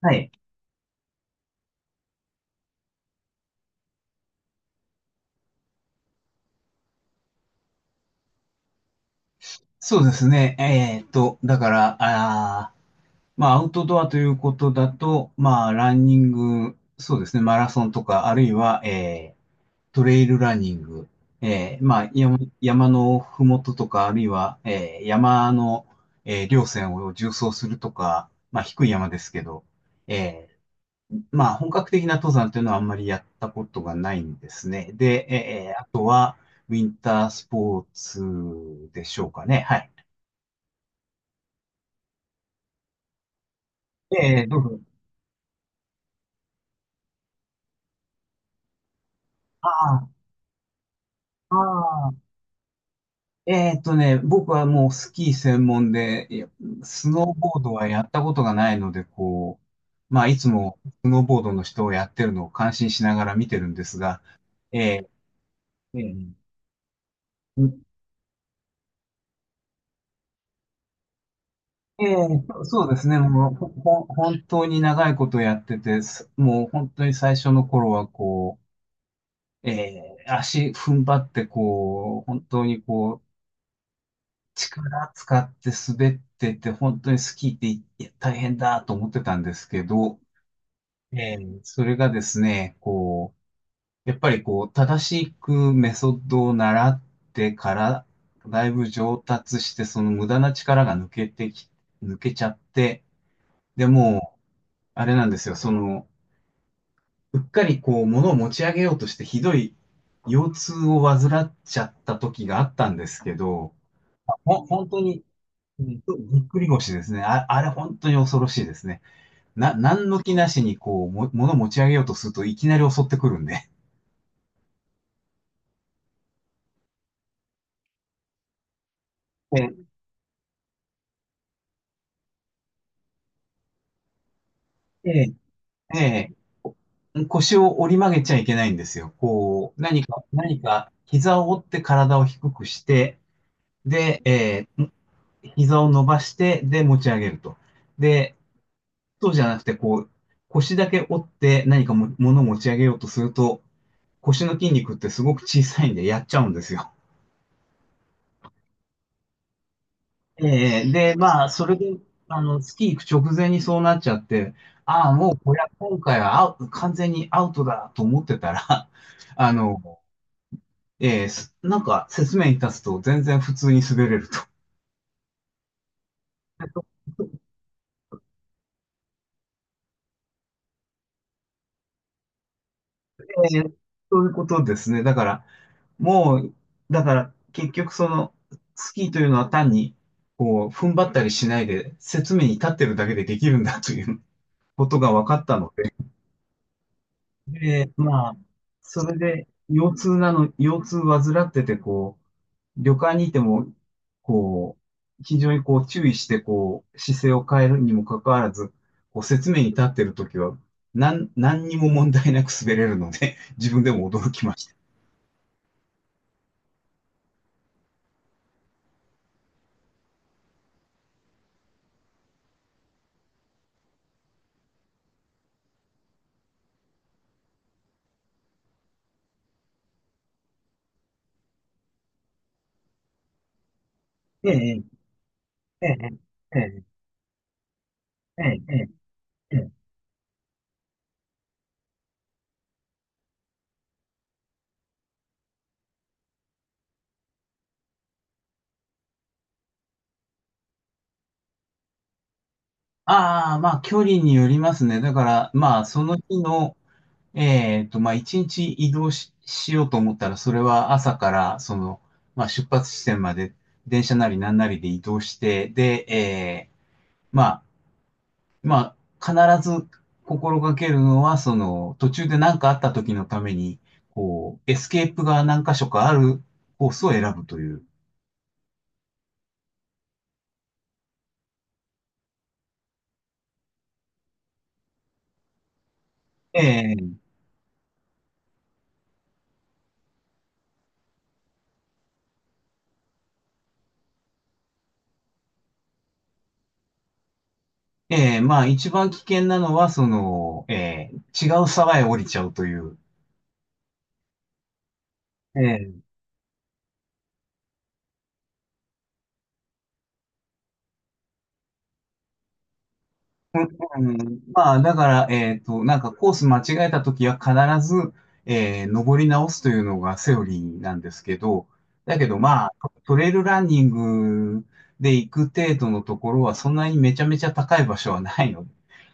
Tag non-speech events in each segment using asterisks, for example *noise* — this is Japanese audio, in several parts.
はい。そうですね。だから、まあ、アウトドアということだと、まあ、ランニング、そうですね、マラソンとか、あるいは、トレイルランニング、まあ、山のふもととか、あるいは、山の、稜線を縦走するとか、まあ、低い山ですけど、えまあ、本格的な登山というのはあんまりやったことがないんですね。で、あとは、ウィンタースポーツでしょうかね。はい。ええ、どうぞ。ああ、ああ、僕はもうスキー専門で、いやスノーボードはやったことがないので、こう、まあ、いつもスノーボードの人をやってるのを感心しながら見てるんですが、えーえーうんそうそうですね、もう本当に長いことやってて、もう本当に最初の頃はこう、足踏ん張ってこう、本当にこ力使って滑ってて、本当にスキーっていや大変だと思ってたんですけど、それがですね、こう、やっぱりこう、正しくメソッドを習ってから、だいぶ上達して、その無駄な力が抜けちゃって、でもう、あれなんですよ、その、うっかりこう、物を持ち上げようとして、ひどい腰痛を患っちゃった時があったんですけど、本当にぎっくり腰ですね。あ、あれ本当に恐ろしいですね。何の気なしにこう、物持ち上げようとするといきなり襲ってくるんで。ええ、ええ、ええ腰を折り曲げちゃいけないんですよ。こう、何か、膝を折って体を低くして、で、ええ、膝を伸ばして、で、持ち上げると。で、そうじゃなくて、こう、腰だけ折って何かも、物を持ち上げようとすると、腰の筋肉ってすごく小さいんでやっちゃうんですよ。で、まあ、それで、あの、月行く直前にそうなっちゃって、ああ、もうこれは今回は完全にアウトだと思ってたら、*laughs* あの、ええすなんか説明に立つと全然普通に滑れると。*laughs* えっとええそういうことですね。だから、もう、だから結局その、スキーというのは単に、こう、踏ん張ったりしないで、説明に立ってるだけでできるんだということが分かったので、まあ、それで、腰痛患ってて、こう、旅館にいても、こう、非常にこう、注意して、こう、姿勢を変えるにもかかわらず、こう、説明に立ってるときは、何にも問題なく滑れるので、*laughs* 自分でも驚きました。ええ、ええ、ええ、ええ、ええ、ええ。ああ、まあ、距離によりますね。だから、まあ、その日の、まあ、一日移動し、しようと思ったら、それは朝から、その、まあ、出発地点まで、電車なりなんなりで移動して、で、まあ、まあ、必ず心がけるのは、その、途中で何かあった時のために、こう、エスケープが何箇所かあるコースを選ぶという。えーまあ、一番危険なのは、その、違う沢へ降りちゃうという。えうん、まあ、だから、なんかコース間違えたときは必ず、登り直すというのがセオリーなんですけど、だけどまあ、トレイルランニングで行く程度のところはそんなにめちゃめちゃ高い場所はないので、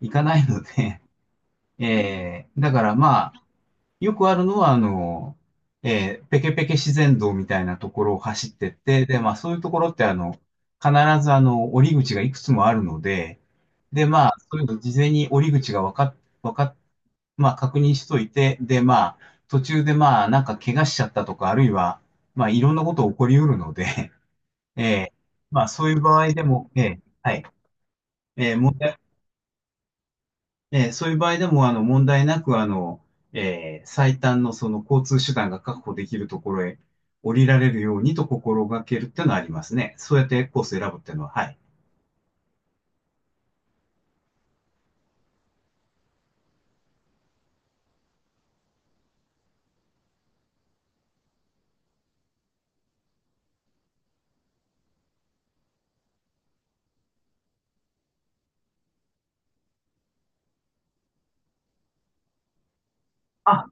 行かないので、だからまあ、よくあるのは、あの、ペケペケ自然道みたいなところを走ってって、で、まあそういうところってあの、必ずあの、折り口がいくつもあるので、で、まあ、そういうの事前に折り口がわかっ、わかっ、まあ、確認しといて、で、まあ、途中でまあ、なんか怪我しちゃったとか、あるいは、まあ、いろんなこと起こりうるので、*laughs* ええ、まあ、そういう場合でも、ええ、はい、ええ、問題、ええ、そういう場合でも、あの、問題なく、あの、ええ、最短のその交通手段が確保できるところへ降りられるようにと心がけるっていうのはありますね。そうやってコース選ぶっていうのは、はい。あ、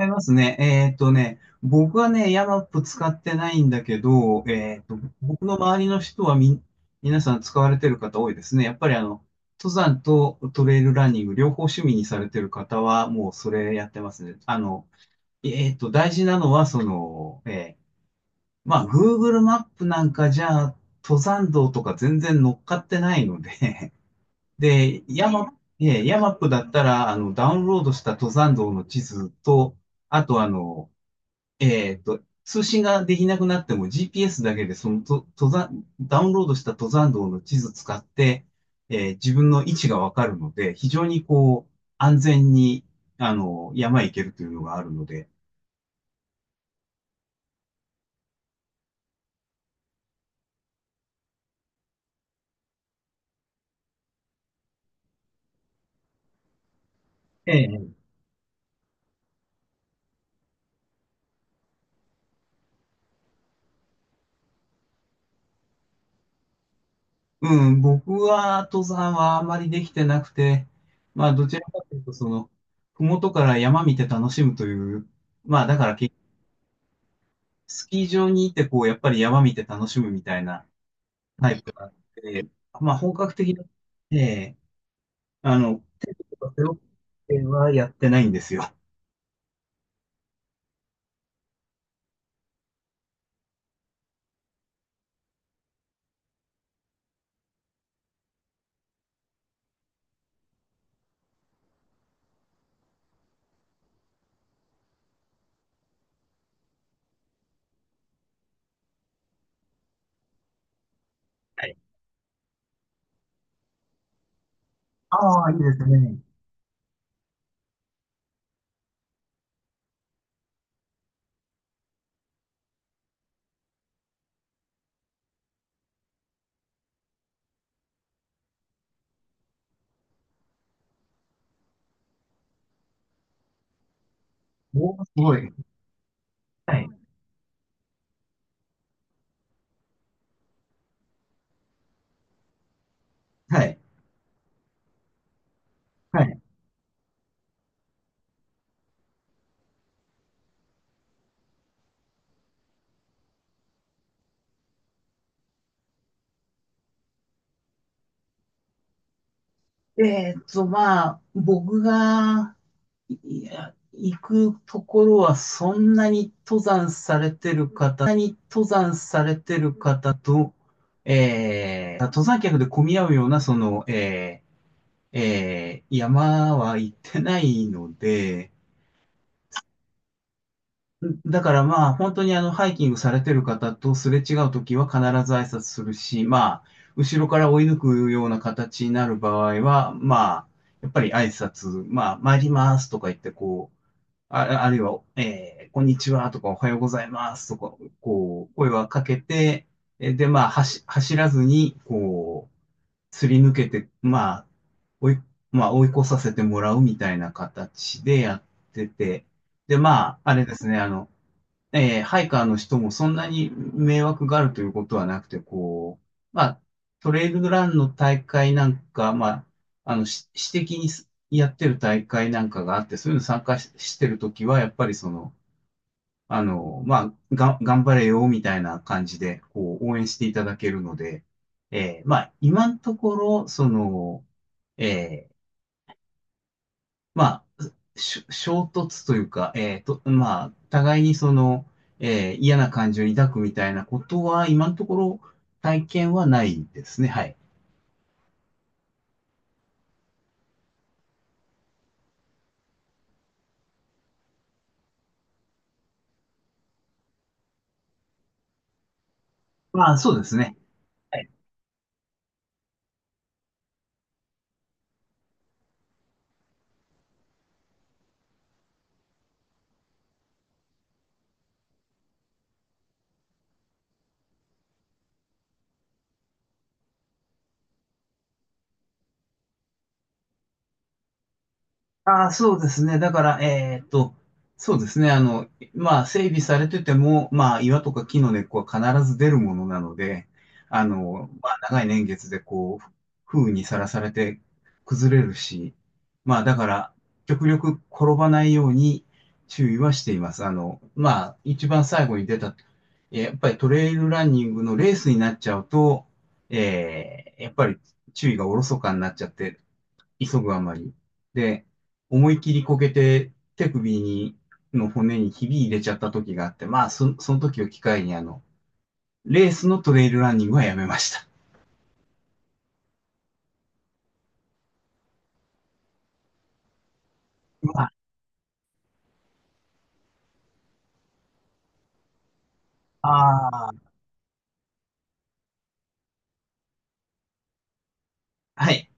違いますね。僕はね、ヤマップ使ってないんだけど、僕の周りの人はみ、皆さん使われてる方多いですね。やっぱりあの、登山とトレイルランニング両方趣味にされてる方はもうそれやってますね。あの、大事なのはその、まあ、Google マップなんかじゃ、登山道とか全然乗っかってないので *laughs* で、ヤマップだったら、あの、ダウンロードした登山道の地図と、あとあの、通信ができなくなっても GPS だけでそのと登山、ダウンロードした登山道の地図使って、自分の位置がわかるので、非常にこう、安全に、あの、山へ行けるというのがあるので、ええ、うん、僕は登山はあまりできてなくて、まあ、どちらかというと、その、ふもとから山見て楽しむという、まあ、だから結局、スキー場に行って、こう、やっぱり山見て楽しむみたいなタイプがあって、まあ、本格的な、ええあの、背ロっはやってないんですよ。はい。ああ、いいですね。おーすごい。はい。はい。はい。まあ、僕が、いや、行くところは、そんなに登山されてる方と、登山客で混み合うような、その、山は行ってないので、だからまあ、本当にあの、ハイキングされてる方とすれ違うときは必ず挨拶するし、まあ、後ろから追い抜くような形になる場合は、まあ、やっぱり挨拶、まあ、参りますとか言って、こう、あるいは、こんにちはとか、おはようございますとか、こう、声はかけて、まあ、走らずに、こう、すり抜けて、まあ、追い、まあ、追い越させてもらうみたいな形でやってて、で、まあ、あれですね、あの、ハイカーの人もそんなに迷惑があるということはなくて、こう、まあ、トレイルランの大会なんか、まあ、あの、私的にやってる大会なんかがあって、そういうの参加し、してるときは、やっぱりその、あの、まあ、頑張れよ、みたいな感じで、こう、応援していただけるので、まあ、今のところ、その、えーまあ、衝突というか、まあ、互いにその、嫌な感情を抱くみたいなことは、今のところ体験はないですね。はい。まあ、そうですね。はい。ああ、そうですね。だから、そうですね。あの、まあ、整備されてても、まあ、岩とか木の根っこは必ず出るものなので、あの、まあ、長い年月でこう、風雨にさらされて崩れるし、まあ、だから、極力転ばないように注意はしています。あの、まあ、一番最後に出た、やっぱりトレイルランニングのレースになっちゃうと、やっぱり注意がおろそかになっちゃって、急ぐあまり。で、思い切りこけて手首に、の骨にひび入れちゃった時があって、まあ、その時を機会に、あの、レースのトレイルランニングはやめました。まあ、ああ。はい。